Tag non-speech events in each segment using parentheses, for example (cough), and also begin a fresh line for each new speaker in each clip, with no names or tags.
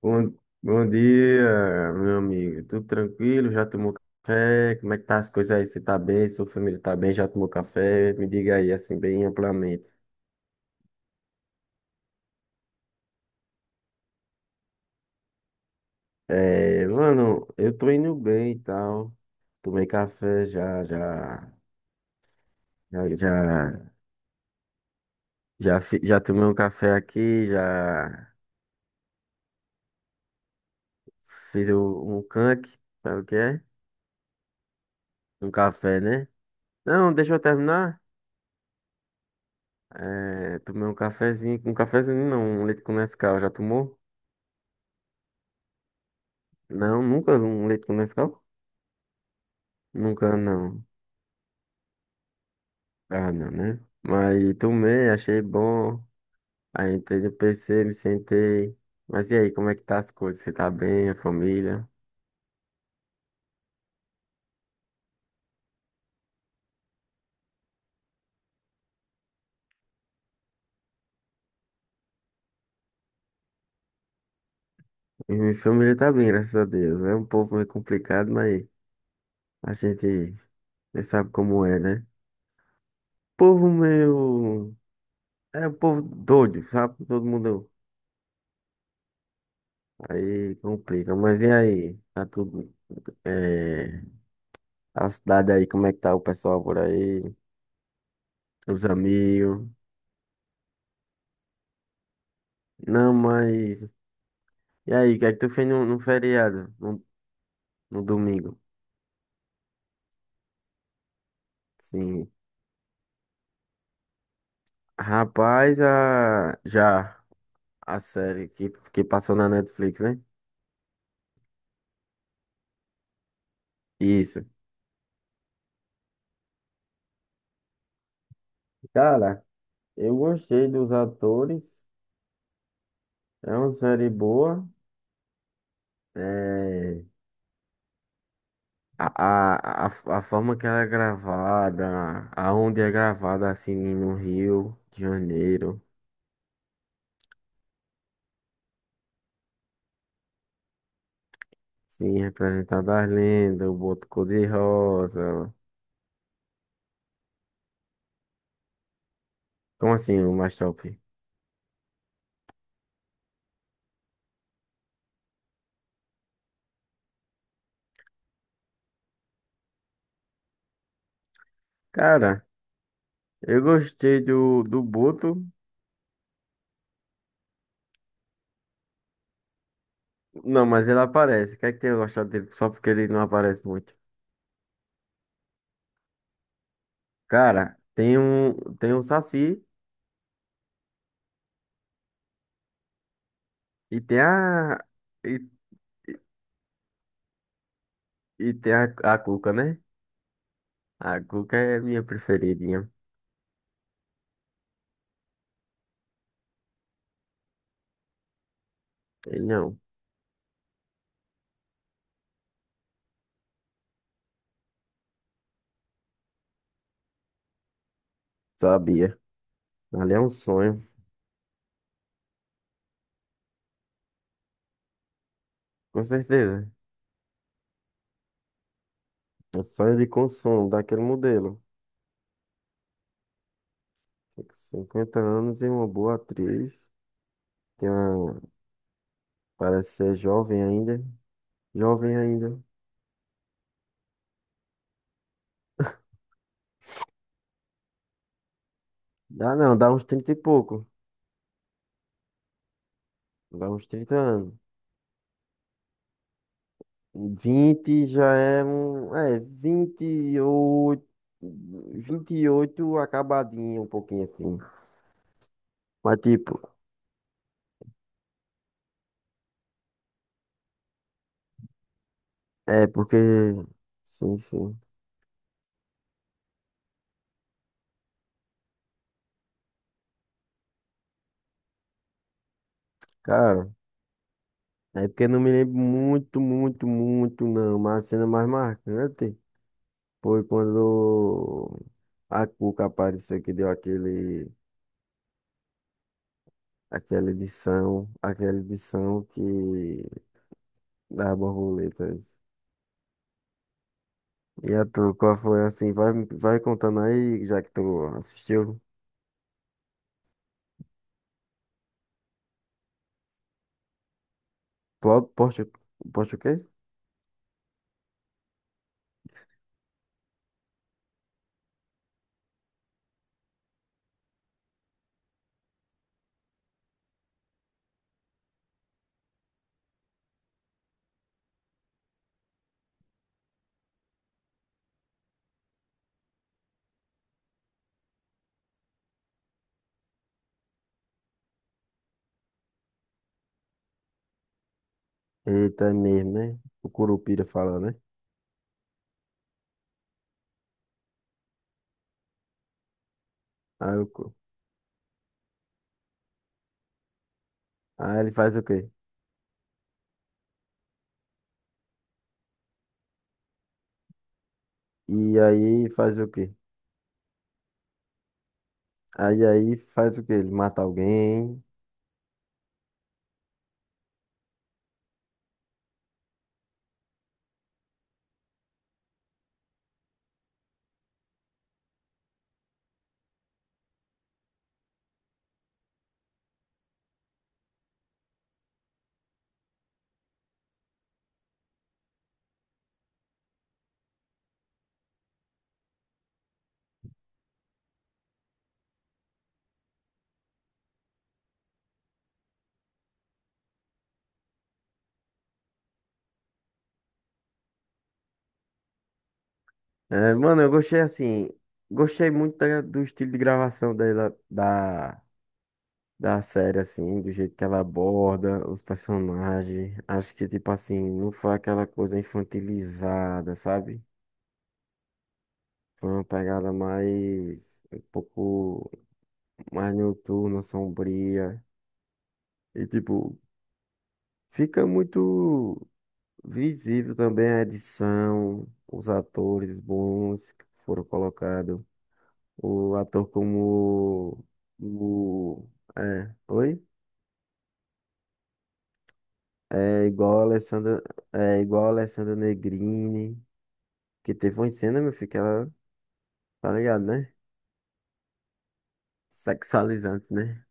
Bom, bom dia, meu amigo. Tudo tranquilo? Já tomou café? Como é que tá as coisas aí? Você tá bem? Sua família tá bem? Já tomou café? Me diga aí, assim, bem amplamente. É, mano, eu tô indo bem e tal. Tomei café já, já, já tomei um café aqui, já fiz um canque, sabe o que é? Um café, né? Não, deixa eu terminar. É, tomei um cafezinho não, um leite com Nescau, já tomou? Não, nunca vi um leite com Nescau? Nunca, não. Ah, não, né? Mas tomei, achei bom. Aí entrei no PC, me sentei. Mas e aí, como é que tá as coisas? Você tá bem, a família? E minha família tá bem, graças a Deus. É um povo meio complicado, mas a gente você sabe como é, né? Povo meio. É um povo doido, sabe? Todo mundo. Aí complica. Mas e aí? Tá tudo. É... A cidade aí, como é que tá o pessoal por aí? Os amigos. Não, mas. E aí, o que é que tu fez no, no feriado? No, no domingo? Sim. Rapaz, a série que passou na Netflix, né? Isso. Cara, eu gostei dos atores. É uma série boa. É... A forma que ela é gravada, aonde é gravada, assim, no Rio de Janeiro. Sim, representada as lendas, o Boto Cor-de-Rosa. Como assim, o mais top? Cara. Eu gostei do, do Boto. Não, mas ele aparece. Quer que tenha gostado dele só porque ele não aparece muito. Cara, tem um Saci e tem a. E, e tem a Cuca, né? A Cuca é minha preferidinha. Ele não, sabia. Ali é um sonho, com certeza. Um sonho de consumo daquele modelo. 50 anos e uma boa atriz. Tem uma, parece ser jovem ainda. Jovem ainda. Dá não, dá uns 30 e pouco. Dá uns 30 anos. 20 já é um. É, 28. 28 acabadinho, um pouquinho assim. Mas tipo, é porque. Sim, sim. Cara, é porque eu não me lembro muito, muito, muito, não. Mas a cena mais marcante foi quando a Cuca apareceu que deu aquele. Aquela edição. Aquela edição que. Da borboleta. E a tu, qual foi assim? Vai, vai contando aí, já que tu assistiu. Plot, poste o quê? Eita, é mesmo, né? O Curupira fala, né? Aí, o cu- aí ele faz o quê? E aí faz o quê? Aí faz o quê? Ele mata alguém. É, mano, eu gostei assim. Gostei muito do estilo de gravação dela, da série, assim, do jeito que ela aborda os personagens. Acho que, tipo assim, não foi aquela coisa infantilizada, sabe? Foi uma pegada mais, um pouco mais noturna, sombria. E, tipo, fica muito visível também a edição, os atores bons que foram colocados. O ator como o... É, oi? É igual a Alessandra, é igual a Alessandra Negrini, que teve uma cena, meu filho, que ela, tá ligado, né? Sexualizante, né?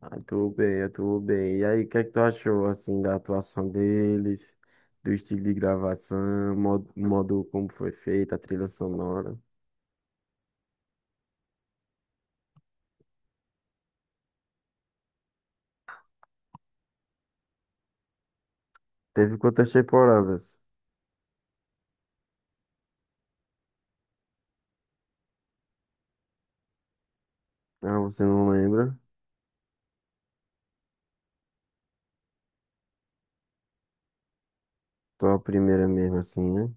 Atuou bem, atuou bem. E aí, o que é que tu achou, assim, da atuação deles, do estilo de gravação, modo como foi feita, a trilha sonora? Teve quantas temporadas? Ah, você não lembra? Tô a primeira mesmo, assim, né?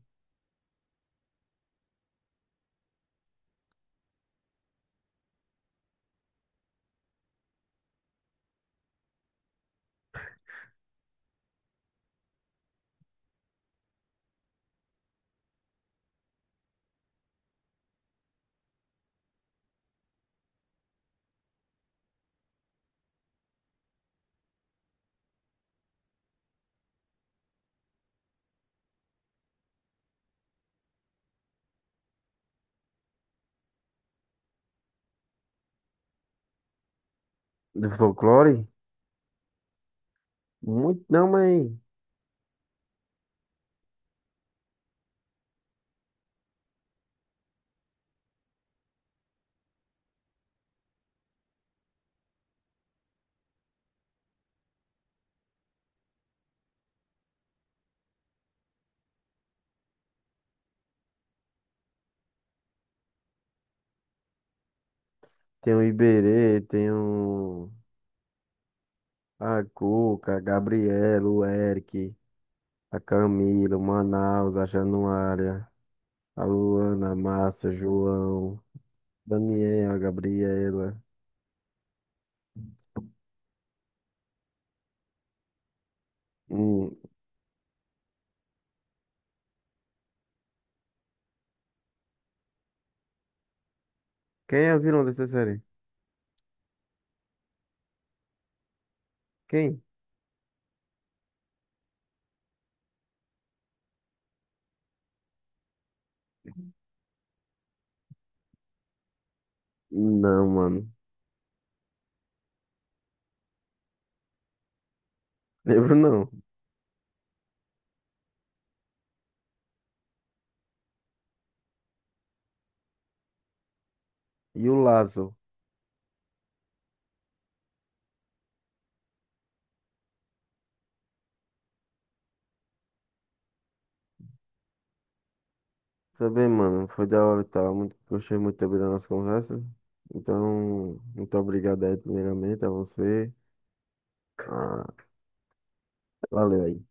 Do folclore? Muito não, mas tem o Iberê, tem o... a Cuca, a Gabriela, o Eric, a Camila, o Manaus, a Januária, a Luana, a Márcia, João, Daniel, a Gabriela. Hum, quem é o vilão dessa série? Quem? Não, mano. (laughs) Lembro não. E o Lazo? Também, mano. Foi da hora e tal. Muito, gostei muito também da nossa conversa. Então, muito obrigado aí, primeiramente, a você. Ah, valeu aí.